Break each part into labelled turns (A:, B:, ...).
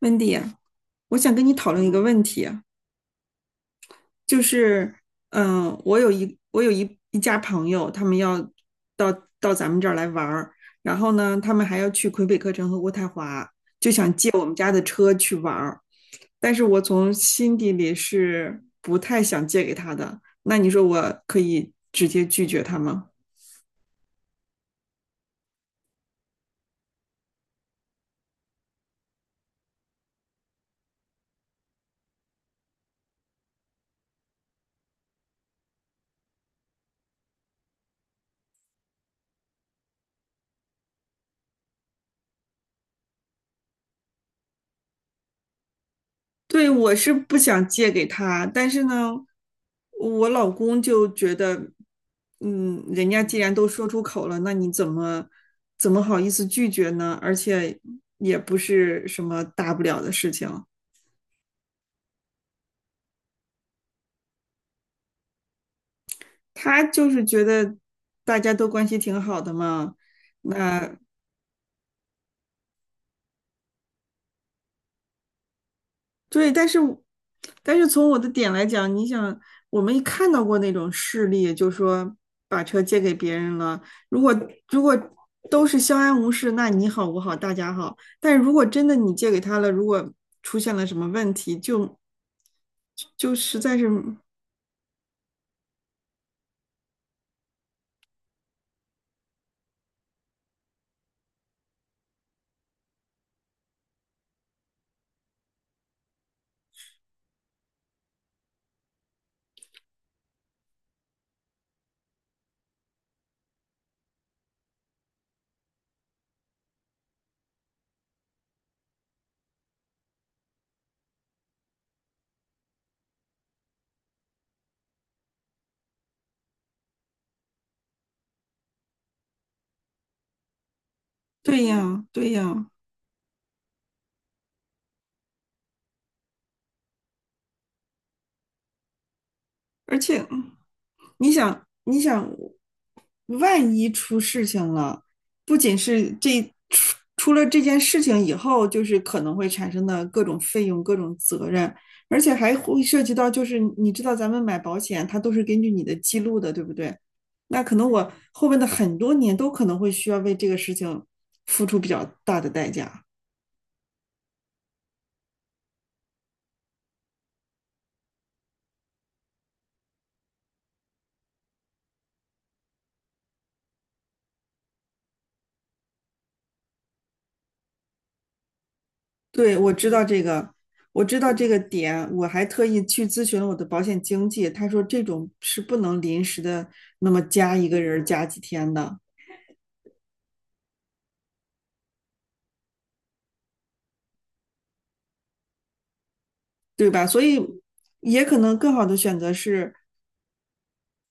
A: 温迪，我想跟你讨论一个问题啊。就是，我有一家朋友，他们要到到咱们这儿来玩儿，然后呢，他们还要去魁北克城和渥太华，就想借我们家的车去玩儿。但是我从心底里是不太想借给他的，那你说我可以直接拒绝他吗？对，我是不想借给他，但是呢，我老公就觉得，嗯，人家既然都说出口了，那你怎么好意思拒绝呢？而且也不是什么大不了的事情，他就是觉得大家都关系挺好的嘛。那对，但是从我的点来讲，你想，我们看到过那种事例，就说把车借给别人了。如果如果都是相安无事，那你好我好大家好。但是如果真的你借给他了，如果出现了什么问题，就实在是对呀，对呀。而且你想，你想，万一出事情了，不仅是这出了这件事情以后，就是可能会产生的各种费用、各种责任，而且还会涉及到，就是你知道咱们买保险，它都是根据你的记录的，对不对？那可能我后面的很多年都可能会需要为这个事情付出比较大的代价。对，我知道这个，我知道这个点，我还特意去咨询了我的保险经纪，他说这种是不能临时的，那么加一个人儿加几天的，对吧？所以也可能更好的选择是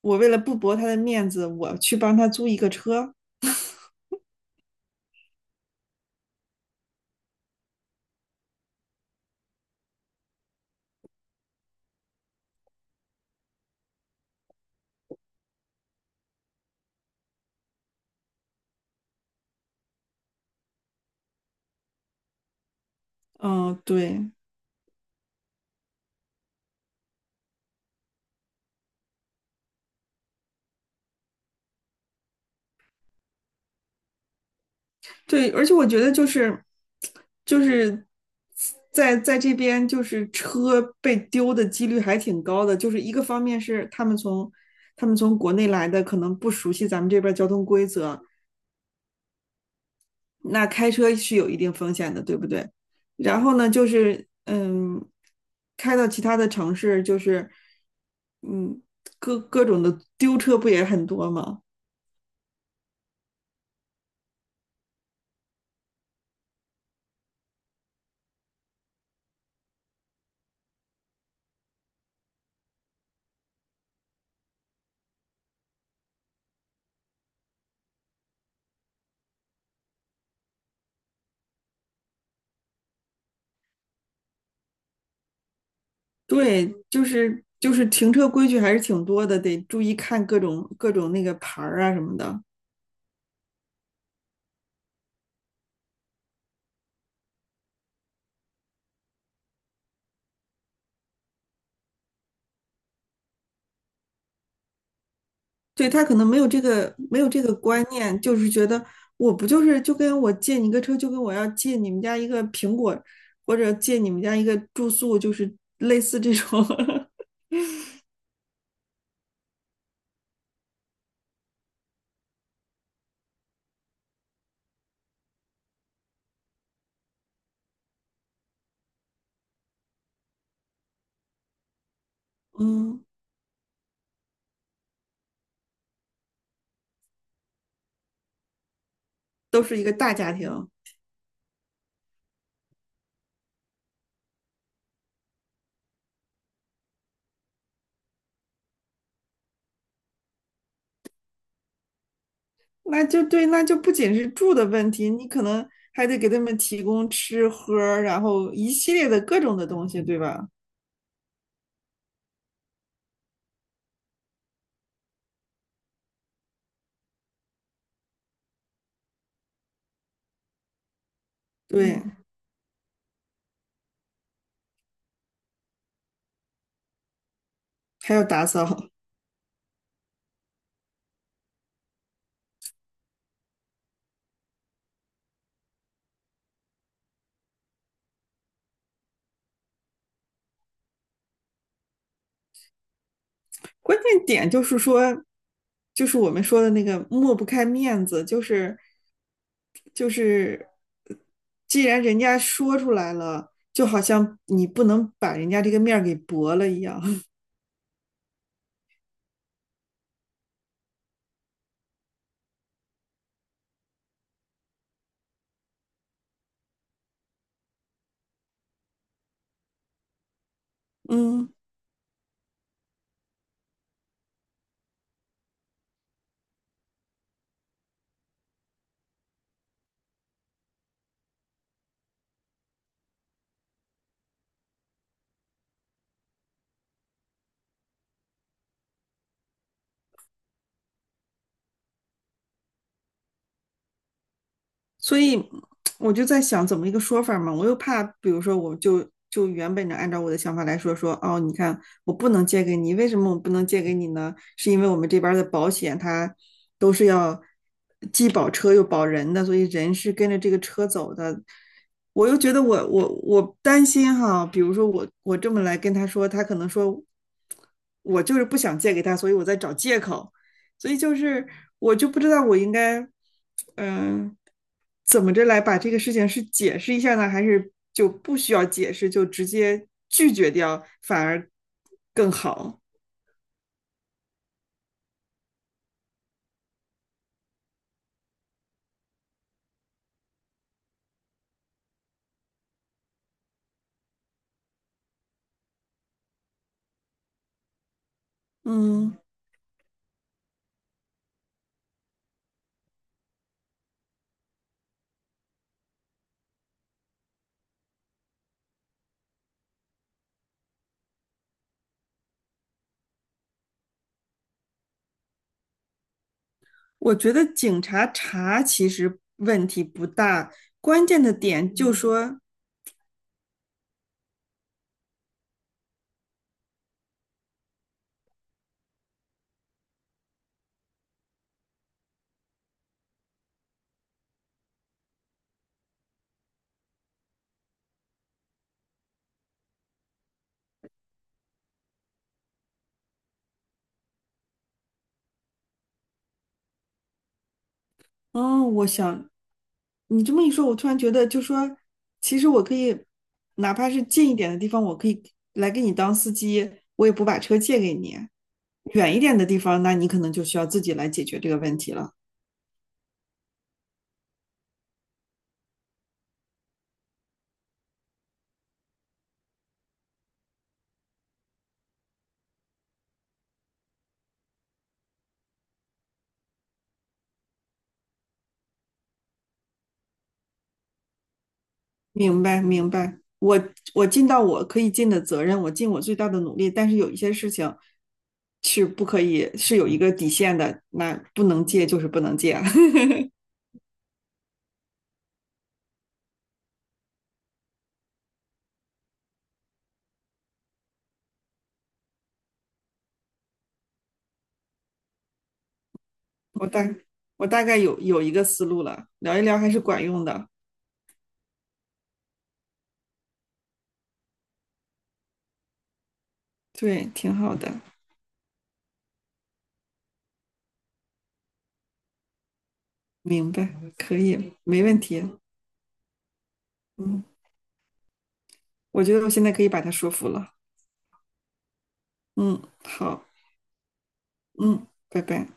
A: 我为了不驳他的面子，我去帮他租一个车。嗯，对，对，而且我觉得就是就是在这边，就是车被丢的几率还挺高的。就是一个方面是他们从国内来的，可能不熟悉咱们这边交通规则，那开车是有一定风险的，对不对？然后呢，就是开到其他的城市，就是嗯，各种的丢车不也很多吗？对，就是停车规矩还是挺多的，得注意看各种那个牌儿啊什么的。对，他可能没有这个观念，就是觉得我不就是就跟我借你个车，就跟我要借你们家一个苹果，或者借你们家一个住宿，就是类似这种。嗯，都是一个大家庭，那就对，那就不仅是住的问题，你可能还得给他们提供吃喝然后一系列的各种的东西，对吧？对，嗯，还要打扫。关键点就是说，就是我们说的那个抹不开面子，就是就是，既然人家说出来了，就好像你不能把人家这个面儿给驳了一样。嗯，所以我就在想怎么一个说法嘛，我又怕，比如说我就原本的按照我的想法来说，说哦，你看我不能借给你，为什么我不能借给你呢？是因为我们这边的保险它都是要既保车又保人的，所以人是跟着这个车走的。我又觉得我担心哈，比如说我这么来跟他说，他可能说我就是不想借给他，所以我在找借口。所以就是我就不知道我应该，嗯、呃怎么着来把这个事情是解释一下呢，还是就不需要解释，就直接拒绝掉，反而更好。嗯，我觉得警察查其实问题不大，关键的点就说，嗯，哦，我想你这么一说，我突然觉得，就说其实我可以，哪怕是近一点的地方，我可以来给你当司机，我也不把车借给你。远一点的地方，那你可能就需要自己来解决这个问题了。明白，明白。我尽到我可以尽的责任，我尽我最大的努力，但是有一些事情是不可以，是有一个底线的，那不能借就是不能借。我大我大概有一个思路了，聊一聊还是管用的，对，挺好的。明白，可以，没问题。嗯，我觉得我现在可以把他说服了。嗯，好，嗯，拜拜。